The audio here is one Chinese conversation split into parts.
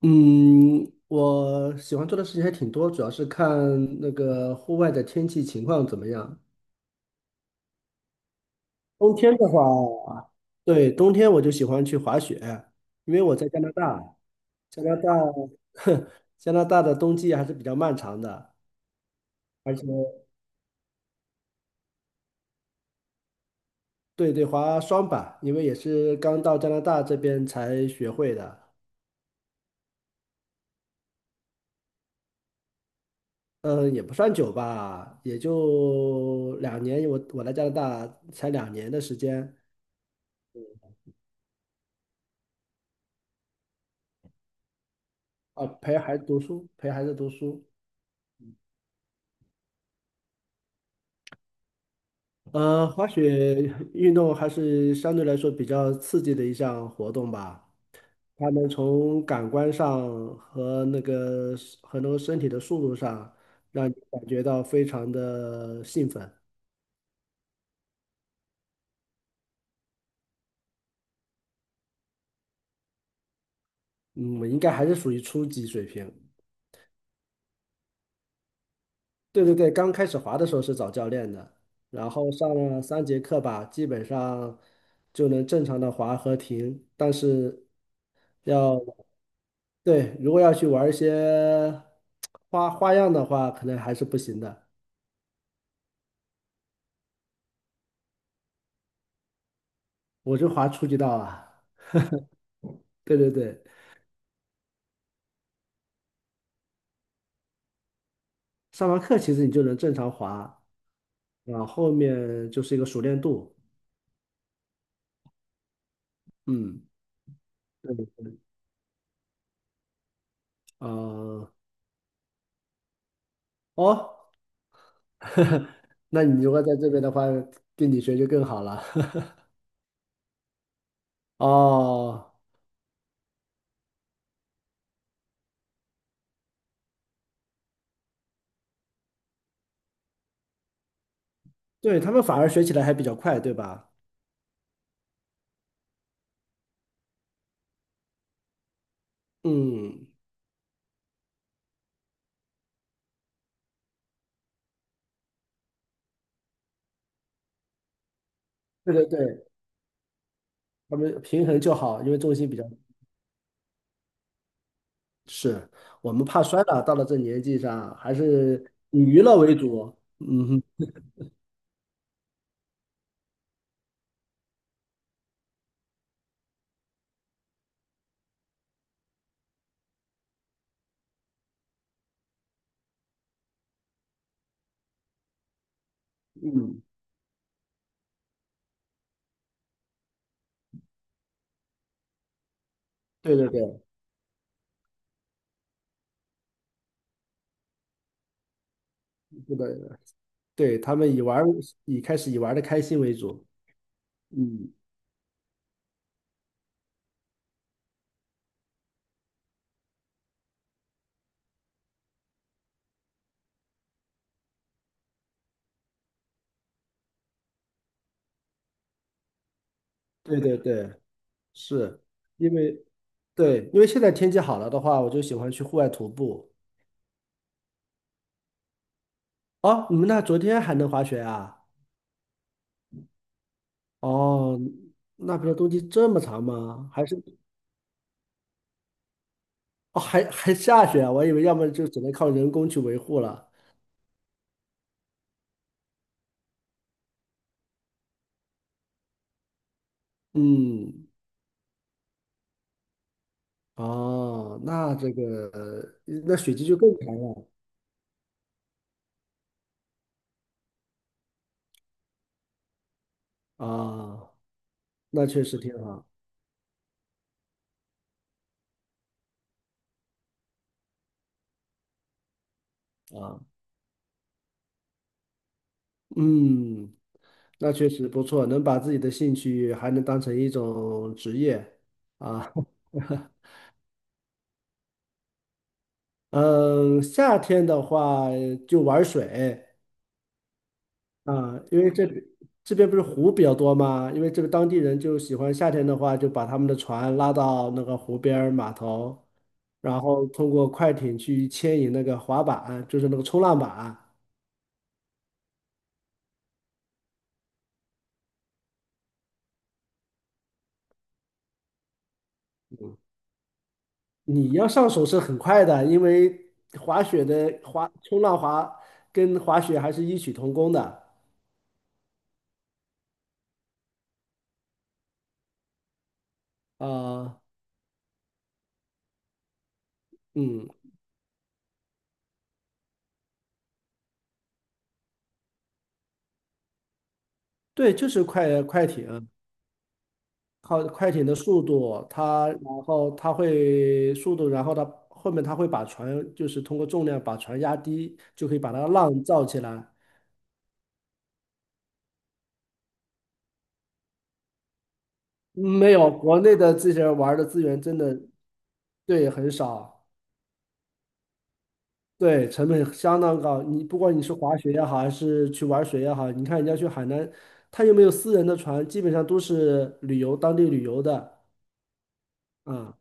嗯，我喜欢做的事情还挺多，主要是看那个户外的天气情况怎么样。冬天的话，对，冬天我就喜欢去滑雪，因为我在加拿大，加拿大，加拿大的冬季还是比较漫长的，而且对对，滑双板，因为也是刚到加拿大这边才学会的，嗯，也不算久吧，也就两年，我来加拿大才两年的时间啊，陪孩子读书，陪孩子读书。滑雪运动还是相对来说比较刺激的一项活动吧。它能从感官上和那个和那个身体的速度上，让你感觉到非常的兴奋。嗯，应该还是属于初级水平。对对对，刚开始滑的时候是找教练的，然后上了3节课吧，基本上就能正常的滑和停，但是要对，如果要去玩一些花样的话，可能还是不行的。我就滑初级道啊，对对对，上完课其实你就能正常滑，然后后面就是一个熟练度，嗯，对对对，呃，哦，那你如果在这边的话，跟你学就更好了，哦。对，他们反而学起来还比较快，对吧？嗯，对对对，他们平衡就好，因为重心比较是，我们怕摔了，到了这年纪上，还是以娱乐为主。嗯哼，对对对，对的，对，他们以玩的开心为主。嗯，对对对，是因为对，因为现在天气好了的话，我就喜欢去户外徒步。哦，你们那昨天还能滑雪啊？哦，那边的冬季这么长吗？还是？哦，还还下雪啊，我以为要么就只能靠人工去维护了。嗯，哦，那这个呃那雪季就更长了啊，那确实挺好啊。嗯，那确实不错，能把自己的兴趣还能当成一种职业啊。嗯，夏天的话就玩水，啊，因为这边不是湖比较多嘛，因为这个当地人就喜欢夏天的话，就把他们的船拉到那个湖边儿码头，然后通过快艇去牵引那个滑板，就是那个冲浪板。你要上手是很快的，因为滑雪的滑冲浪滑跟滑雪还是异曲同工的。啊、嗯，对，就是快艇。靠快艇的速度，它然后它会速度，然后它后面它会把船就是通过重量把船压低，就可以把它浪造起来。没有，国内的这些玩儿的资源真的对很少，对成本相当高。你不管你是滑雪也好，还是去玩水也好，你看人家去海南，他又没有私人的船，基本上都是旅游当地旅游的啊。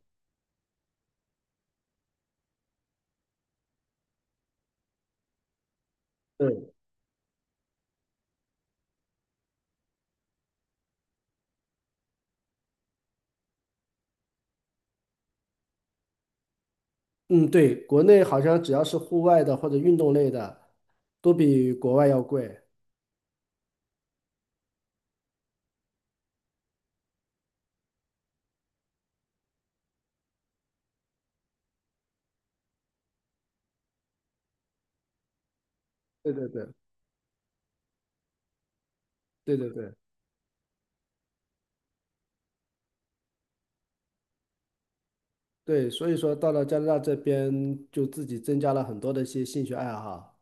对。嗯，对，国内好像只要是户外的或者运动类的，都比国外要贵。对对对，对对对对，所以说到了加拿大这边，就自己增加了很多的一些兴趣爱好。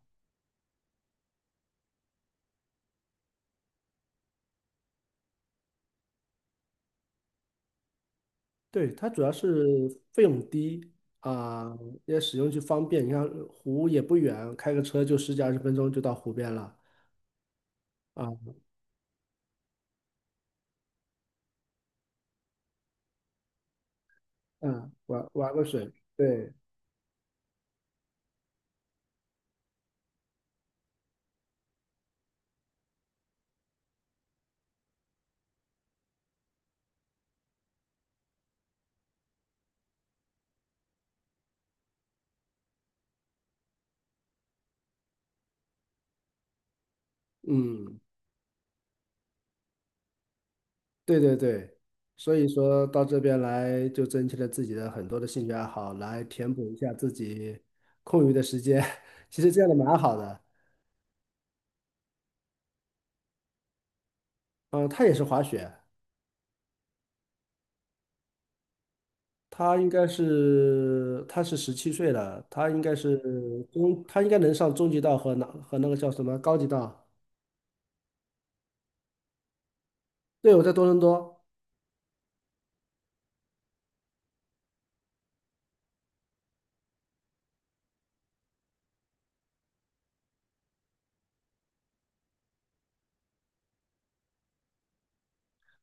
对，它主要是费用低啊，也使用就方便。你看湖也不远，开个车就十几二十分钟就到湖边了啊。嗯，玩玩个水，对，嗯。对对对，所以说到这边来，就增添了自己的很多的兴趣爱好，来填补一下自己空余的时间。其实这样的蛮好的。嗯，他也是滑雪，他是17岁了，他应该是中，他应该能上中级道和那个叫什么高级道。对，我在多伦多，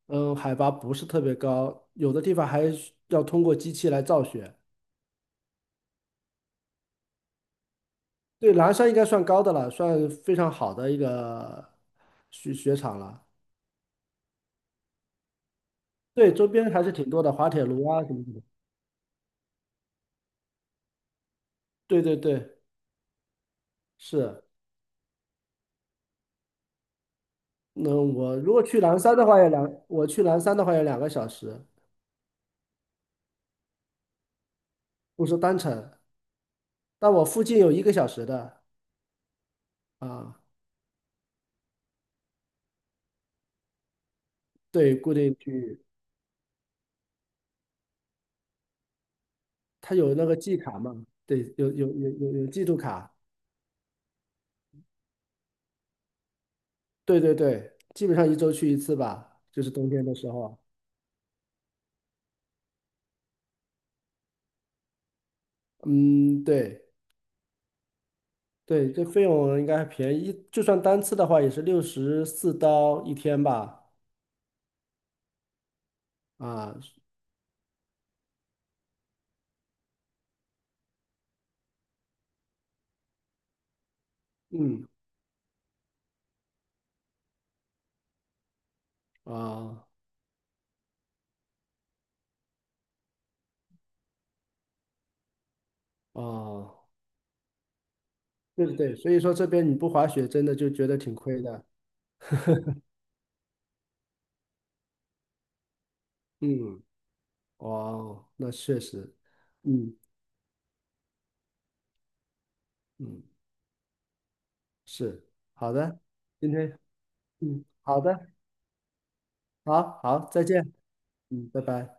嗯，海拔不是特别高，有的地方还需要通过机器来造雪。对，南山应该算高的了，算非常好的一个雪场了。对，周边还是挺多的，滑铁卢啊什么什么。对对对，是。那我如果去南山的话，我去南山的话要2个小时，不是单程。但我附近有1个小时的啊，对，固定区域，它有那个季卡嘛，对，有季度卡，对对对，基本上一周去一次吧，就是冬天的时候。嗯，对对，这费用应该还便宜，就算单次的话也是64刀一天吧，啊，嗯啊。哦，对对对，所以说这边你不滑雪真的就觉得挺亏的。嗯，哦，那确实，嗯嗯，是，好的，今天，嗯，好的，好好，再见，嗯，拜拜。